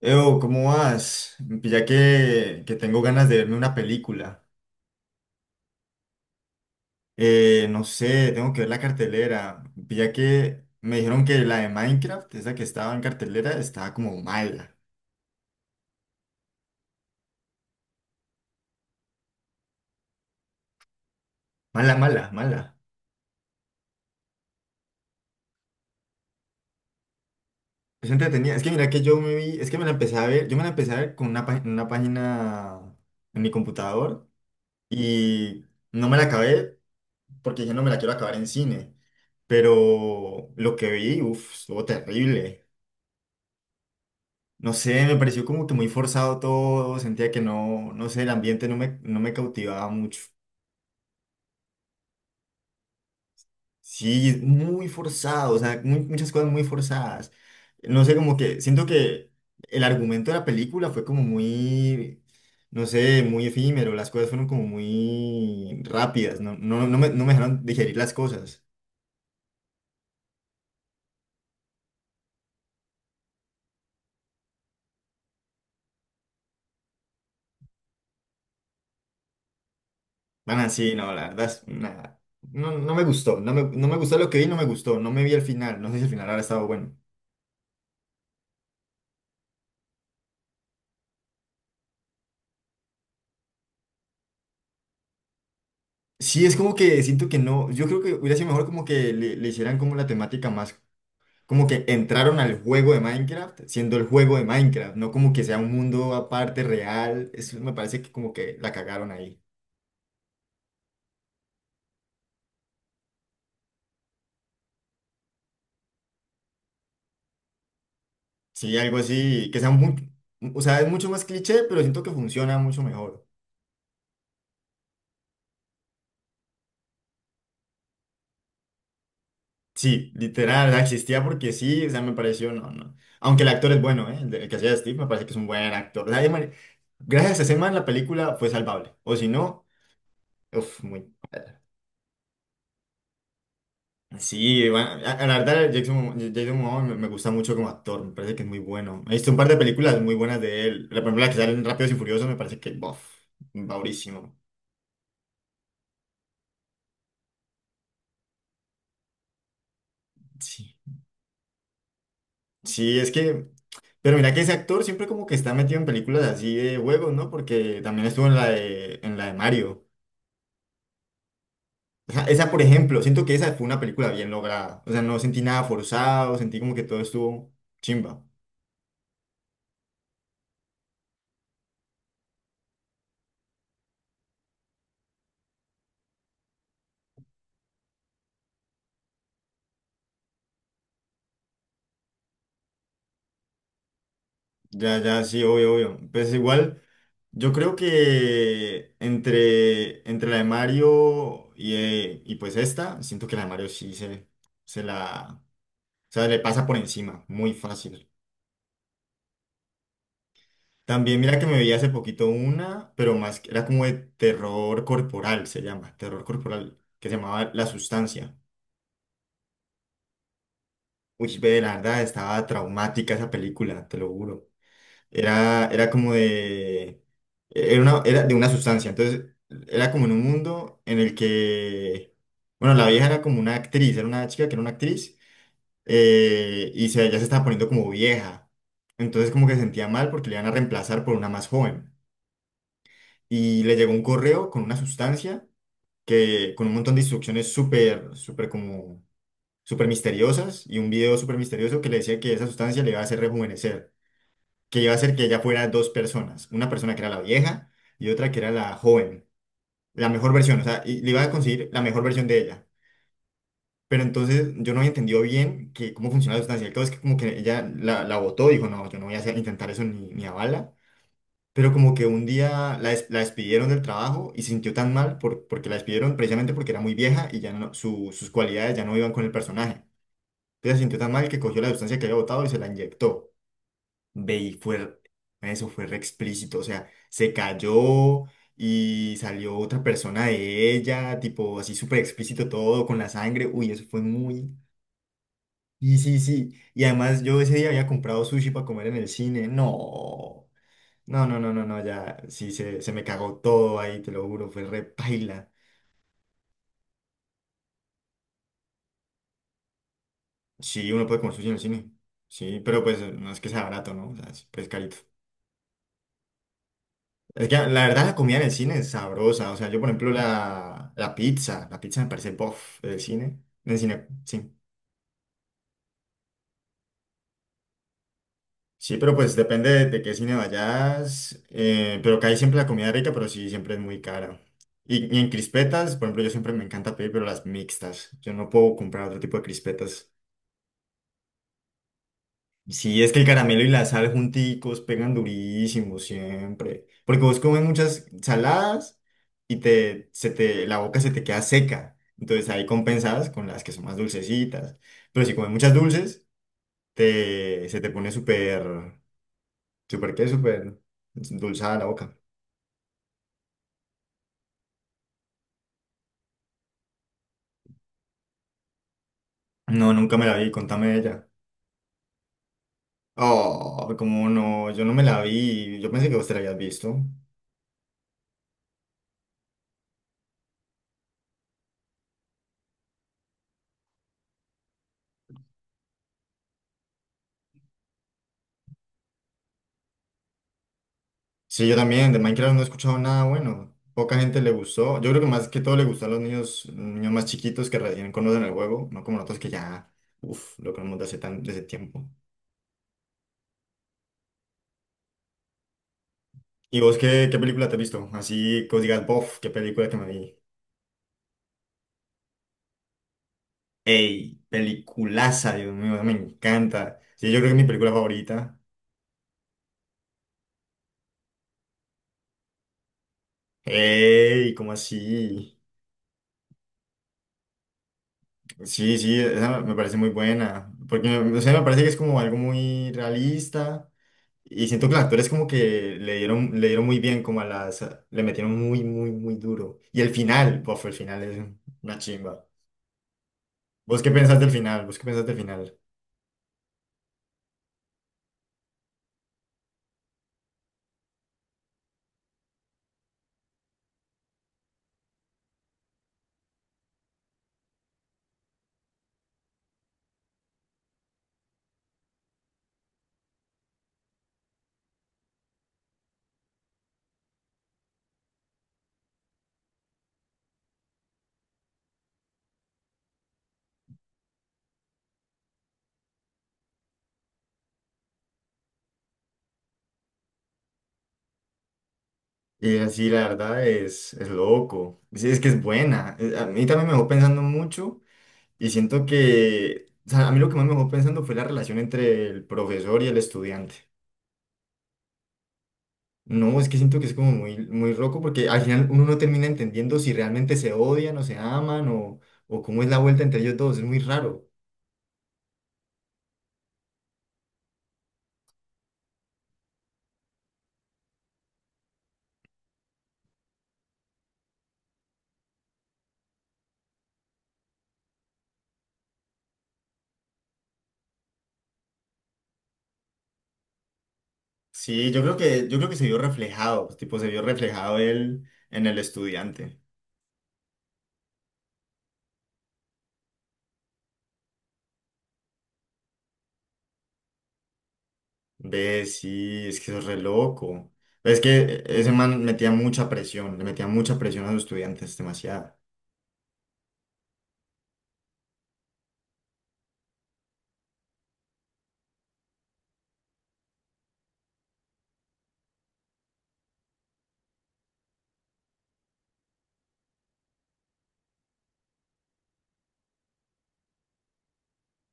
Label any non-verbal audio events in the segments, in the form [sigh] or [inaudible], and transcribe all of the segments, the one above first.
Eo, ¿cómo vas? Ya que tengo ganas de verme una película. No sé, tengo que ver la cartelera. Ya que me dijeron que la de Minecraft, esa que estaba en cartelera, estaba como mala. Mala, mala, mala. Es entretenida. Es que mira que yo me vi, es que me la empecé a ver, yo me la empecé a ver con una página en mi computador y no me la acabé porque dije no me la quiero acabar en cine. Pero lo que vi, uff, estuvo terrible. No sé, me pareció como que muy forzado todo, sentía que no, no sé, el ambiente no me cautivaba mucho. Sí, muy forzado, o sea, muchas cosas muy forzadas. No sé, como que siento que el argumento de la película fue como muy, no sé, muy efímero, las cosas fueron como muy rápidas, no me dejaron digerir las cosas. Van así, no, la verdad es nada. No, no me gustó, no me gustó lo que vi, no me gustó, no me vi el final, no sé si el final ahora estaba bueno. Sí, es como que siento que no, yo creo que hubiera sido mejor como que le hicieran como la temática más, como que entraron al juego de Minecraft siendo el juego de Minecraft, no como que sea un mundo aparte real, eso me parece que como que la cagaron ahí. Sí, algo así, que sea muy, o sea, es mucho más cliché, pero siento que funciona mucho mejor. Sí, literal, existía porque sí, o sea, me pareció, no, no. Aunque el actor es bueno, ¿eh? El que hacía de Steve me parece que es un buen actor. O sea, gracias a ese man la película fue salvable, o si no, uff. Sí, bueno, a la verdad Jason, Jason Momoa me gusta mucho como actor, me parece que es muy bueno. He visto un par de películas muy buenas de él. La primera que sale en Rápidos y Furiosos me parece que, bof, baurísimo. Sí. Sí, es que, pero mira que ese actor siempre como que está metido en películas así de juegos, ¿no? Porque también estuvo en la de Mario. O sea, esa, por ejemplo, siento que esa fue una película bien lograda. O sea, no sentí nada forzado, sentí como que todo estuvo chimba. Ya, ya, sí, obvio, obvio. Pues igual. Yo creo que entre la de Mario y pues esta, siento que la de Mario sí se la, o sea, le pasa por encima, muy fácil. También mira que me vi hace poquito una, pero más, era como de terror corporal, se llama, terror corporal, que se llamaba La Sustancia. Uy, ve, la verdad, estaba traumática esa película, te lo juro. Era como de. Era de una sustancia. Entonces, era como en un mundo en el que. Bueno, la vieja era como una actriz, era una chica que era una actriz, y ya se estaba poniendo como vieja. Entonces, como que se sentía mal porque le iban a reemplazar por una más joven. Y le llegó un correo con una sustancia que, con un montón de instrucciones súper, súper, como súper misteriosas y un video súper misterioso que le decía que esa sustancia le iba a hacer rejuvenecer, que iba a hacer que ella fuera dos personas, una persona que era la vieja y otra que era la joven, la mejor versión, o sea, y le iba a conseguir la mejor versión de ella. Pero entonces yo no había entendido bien que cómo funcionaba la sustancia. El caso es que como que ella la votó, dijo, no, yo no voy a intentar eso ni a bala. Pero como que un día la despidieron del trabajo y se sintió tan mal porque la despidieron precisamente porque era muy vieja y ya no, sus cualidades ya no iban con el personaje. Entonces se sintió tan mal que cogió la sustancia que había votado y se la inyectó. Ve y fue, eso fue re explícito, o sea, se cayó y salió otra persona de ella, tipo así súper explícito todo, con la sangre, uy, eso fue muy. Y sí, sí, y además yo ese día había comprado sushi para comer en el cine, no, no, no, no, no, no, ya, sí, se me cagó todo ahí, te lo juro, fue re paila. Sí, uno puede comer sushi en el cine, sí, pero pues no es que sea barato, ¿no? O sea, es pues, carito. Es que la verdad la comida en el cine es sabrosa. O sea, yo por ejemplo la pizza me parece bof del cine. Del cine, sí. Sí, pero pues depende de qué cine vayas. Pero que hay siempre la comida rica, pero sí, siempre es muy cara. Y en crispetas, por ejemplo, yo siempre me encanta pedir, pero las mixtas. Yo no puedo comprar otro tipo de crispetas. Sí, es que el caramelo y la sal junticos pegan durísimo siempre. Porque vos comes muchas saladas y la boca se te queda seca. Entonces ahí compensadas con las que son más dulcecitas. Pero si comes muchas dulces, se te pone súper dulzada la boca. No, nunca me la vi, contame de ella. Oh, cómo no, yo no me la vi. Yo pensé que vos te la habías visto. Sí, yo también, de Minecraft no he escuchado nada bueno. Poca gente le gustó. Yo creo que más que todo le gustó a los niños, niños más chiquitos que recién conocen el juego, no como nosotros que ya, uff, lo conocemos desde hace desde tiempo. ¿Y vos qué película te has visto? Así que os digas, bof, qué película que me vi. Ey, peliculaza, Dios mío, me encanta. Sí, yo creo que es mi película favorita. Ey, ¿cómo así? Sí, sí, esa me parece muy buena. Porque, o sea, me parece que es como algo muy realista. Y siento que los actores como que le dieron muy bien, como a las. Le metieron muy, muy, muy duro. Y el final, bof, el final es una chimba. ¿Vos qué pensás del final? ¿Vos qué pensás del final? Y así, la verdad, es loco. Sí, es que es buena. A mí también me dejó pensando mucho y siento que, o sea, a mí lo que más me dejó pensando fue la relación entre el profesor y el estudiante. No, es que siento que es como muy, muy loco porque al final uno no termina entendiendo si realmente se odian o se aman o cómo es la vuelta entre ellos dos. Es muy raro. Sí, yo creo que se vio reflejado, pues, tipo, se vio reflejado él en el estudiante. Ve, sí, es que eso es re loco. Es que ese man metía mucha presión, le metía mucha presión a los estudiantes, demasiado.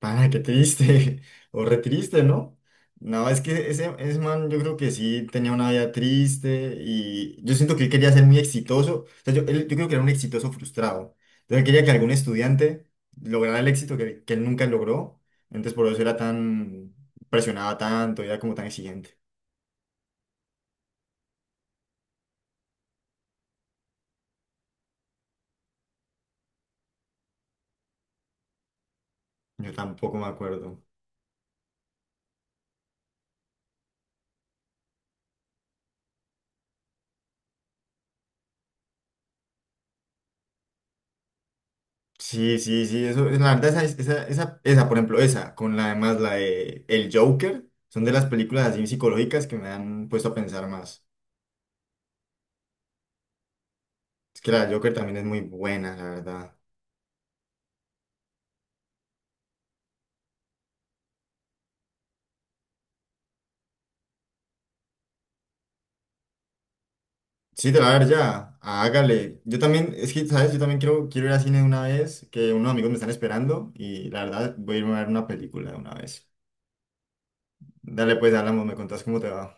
Pana, qué triste, [laughs] o re triste, ¿no? No, es que ese man yo creo que sí tenía una vida triste y yo siento que él quería ser muy exitoso, o sea, yo creo que era un exitoso frustrado, entonces él quería que algún estudiante lograra el éxito que él nunca logró, entonces por eso era presionaba tanto, era como tan exigente, yo tampoco me acuerdo. Sí, sí, sí, eso, la verdad, esa, por ejemplo, esa, con la además la de El Joker, son de las películas así psicológicas que me han puesto a pensar más. Es que la Joker también es muy buena, la verdad. Sí, te la voy a ver ya. Hágale. Yo también, es que, ¿sabes? Yo también quiero ir al cine de una vez, que unos amigos me están esperando y la verdad voy a irme a ver una película de una vez. Dale, pues, hablamos, me contás cómo te va.